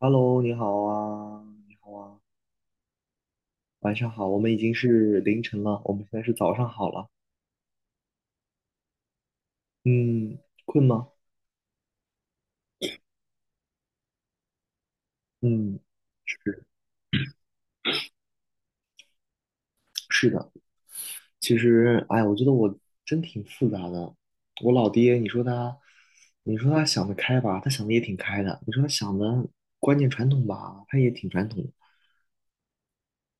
Hello，你好啊，你好啊，晚上好，我们已经是凌晨了，我们现在是早上好了。嗯，困吗？嗯，是是的，其实，哎，我觉得我真挺复杂的。我老爹，你说他，你说他想得开吧，他想的也挺开的；你说他想的观念传统吧，他也挺传统的。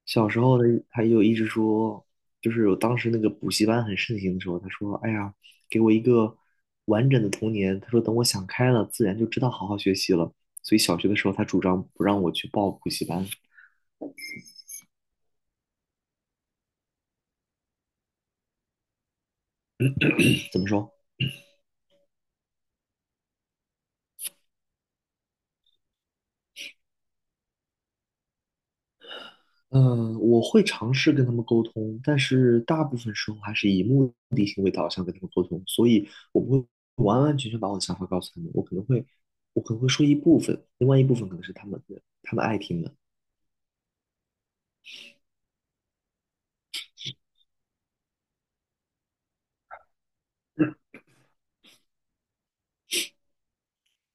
小时候呢，他就一直说，就是我当时那个补习班很盛行的时候，他说：“哎呀，给我一个完整的童年。”他说：“等我想开了，自然就知道好好学习了。”所以小学的时候，他主张不让我去报补习班。怎么说？嗯，我会尝试跟他们沟通，但是大部分时候还是以目的性为导向跟他们沟通，所以我不会完完全全把我的想法告诉他们，我可能会，我可能会说一部分，另外一部分可能是他们的，他们爱听的。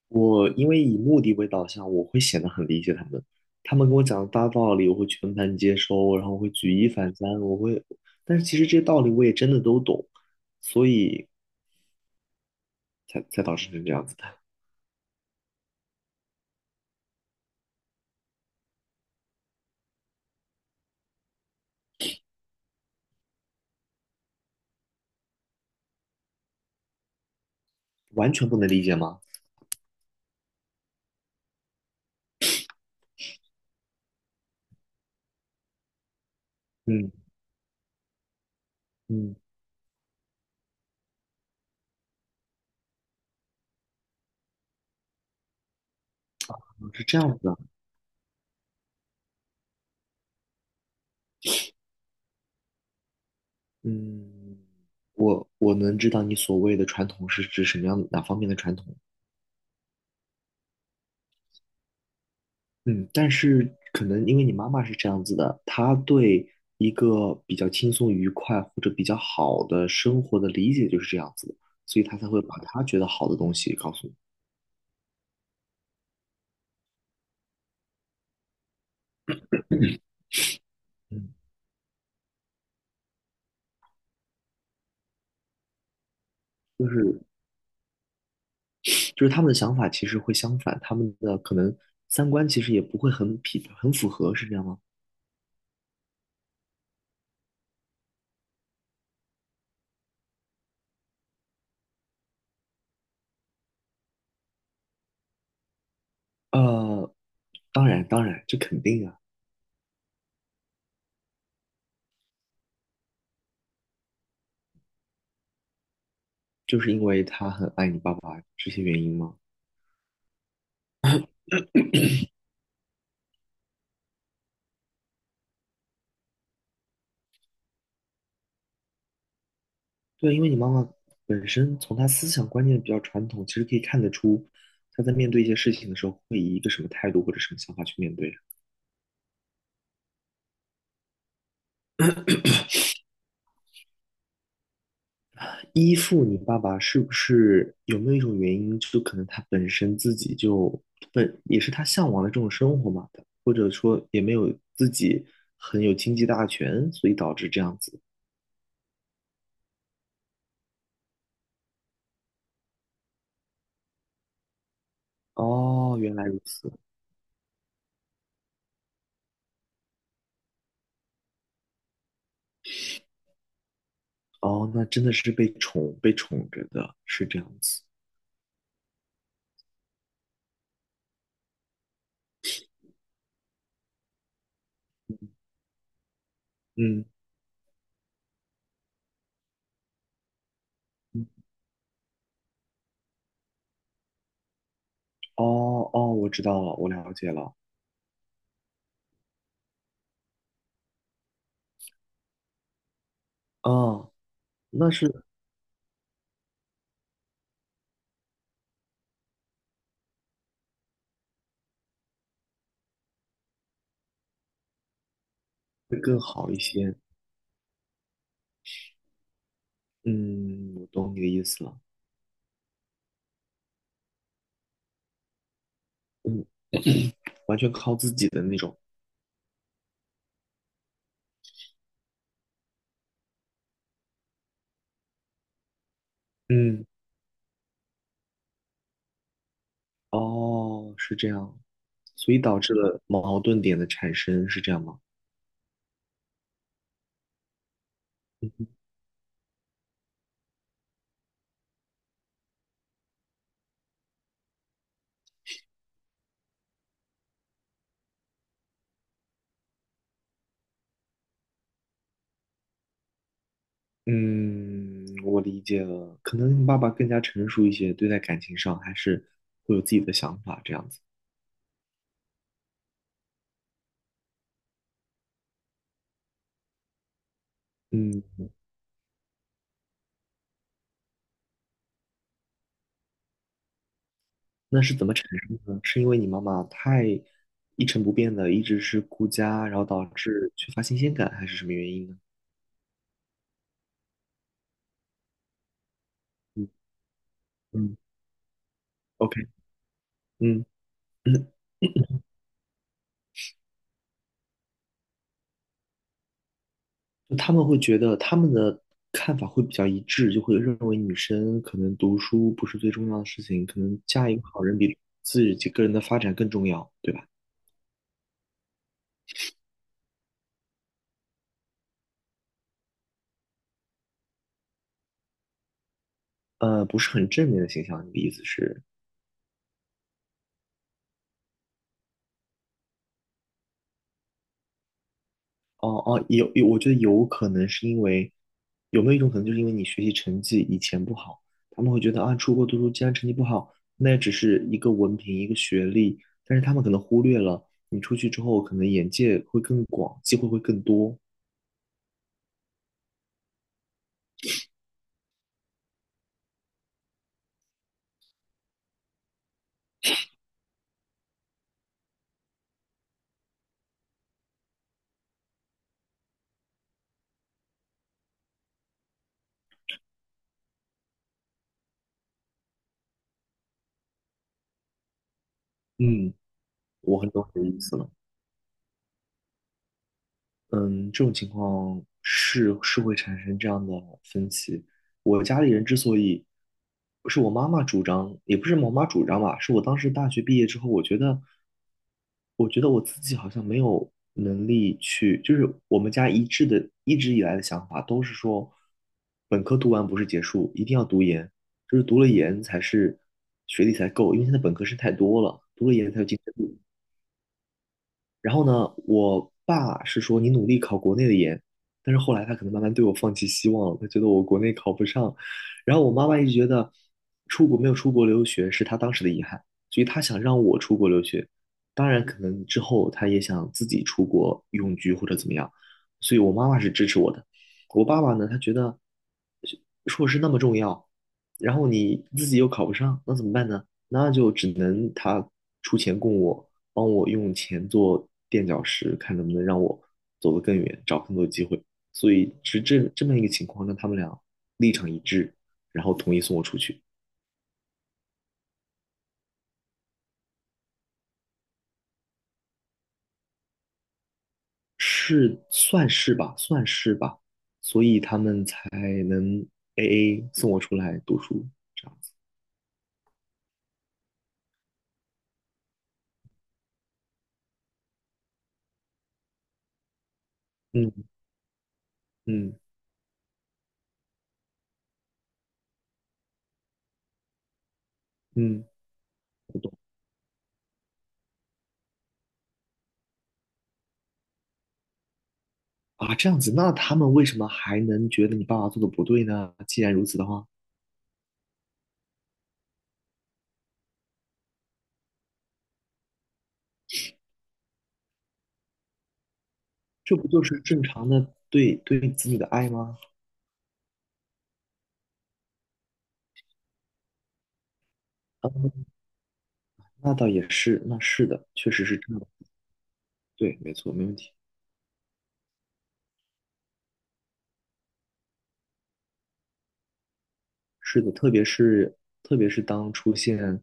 我因为以目的为导向，我会显得很理解他们。他们跟我讲的大道理，我会全盘接收，然后我会举一反三，我会，但是其实这些道理我也真的都懂，所以才导致成这样子的，完全不能理解吗？嗯嗯，是这样子的，嗯，我能知道你所谓的传统是指什么样哪方面的传统？嗯，但是可能因为你妈妈是这样子的，她对一个比较轻松愉快或者比较好的生活的理解就是这样子的，所以她才会把她觉得好的东西告诉你。嗯，就是就是他们的想法其实会相反，他们的可能三观其实也不会很符合，是这样吗？呃，当然当然，这肯定啊，就是因为他很爱你爸爸这些原因吗？对，因为你妈妈本身从她思想观念比较传统，其实可以看得出她在面对一些事情的时候会以一个什么态度或者什么想法去面对。依附你爸爸是不是有没有一种原因，就可能他本身自己就本也是他向往的这种生活嘛的，或者说也没有自己很有经济大权，所以导致这样子。哦，原来如此。哦，那真的是被宠着的，是这样子。嗯，嗯哦哦，我知道了，我了解了。哦，那是会更好一些。嗯，我懂你的意思了。嗯，完全靠自己的那种。嗯，哦，是这样，所以导致了矛盾点的产生，是这样吗？嗯，嗯我理解了。可能你爸爸更加成熟一些，对待感情上还是会有自己的想法这样子。嗯，那是怎么产生的呢？是因为你妈妈太一成不变的，一直是顾家，然后导致缺乏新鲜感，还是什么原因呢？嗯嗯，OK,嗯。就他们会觉得他们的看法会比较一致，就会认为女生可能读书不是最重要的事情，可能嫁一个好人比自己个人的发展更重要，对吧？不是很正面的形象。你的意思是，哦哦，有有，我觉得有可能是因为有没有一种可能，就是因为你学习成绩以前不好，他们会觉得啊，出国读书既然成绩不好，那也只是一个文凭一个学历，但是他们可能忽略了你出去之后，可能眼界会更广，机会会更多。嗯，我很懂你的意思了。嗯，这种情况是会产生这样的分歧。我家里人之所以，是我妈妈主张，也不是我妈主张吧，是我当时大学毕业之后，我觉得，我觉得我自己好像没有能力去，就是我们家一致的，一直以来的想法都是说，本科读完不是结束，一定要读研，就是读了研才是学历才够，因为现在本科生太多了，读了研才有竞争力。然后呢，我爸是说你努力考国内的研，但是后来他可能慢慢对我放弃希望了，他觉得我国内考不上。然后我妈妈一直觉得出国没有出国留学是她当时的遗憾，所以她想让我出国留学。当然，可能之后她也想自己出国永居或者怎么样，所以我妈妈是支持我的。我爸爸呢，他觉得硕士那么重要，然后你自己又考不上，那怎么办呢？那就只能他出钱供我。帮我用钱做垫脚石，看能不能让我走得更远，找更多机会。所以是这么一个情况，让他们俩立场一致，然后同意送我出去，是算是吧，算是吧。所以他们才能 AA 送我出来读书这样子。嗯嗯嗯，我懂啊，这样子，那他们为什么还能觉得你爸爸做的不对呢？既然如此的话，这不就是正常的对子女的爱吗？啊那倒也是，那是的，确实是这样的。对，没错，没问题。是的，特别是当出现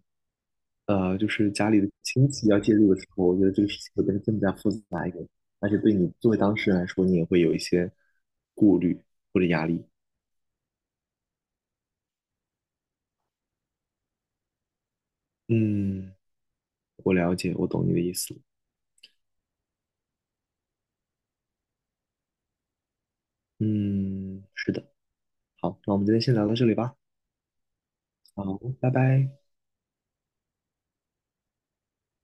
就是家里的亲戚要介入的时候，我觉得这个事情会变得更加复杂一点，而且对你作为当事人来说，你也会有一些顾虑或者压力。嗯，我了解，我懂你的意思。嗯，是的。好，那我们今天先聊到这里吧。好，拜拜。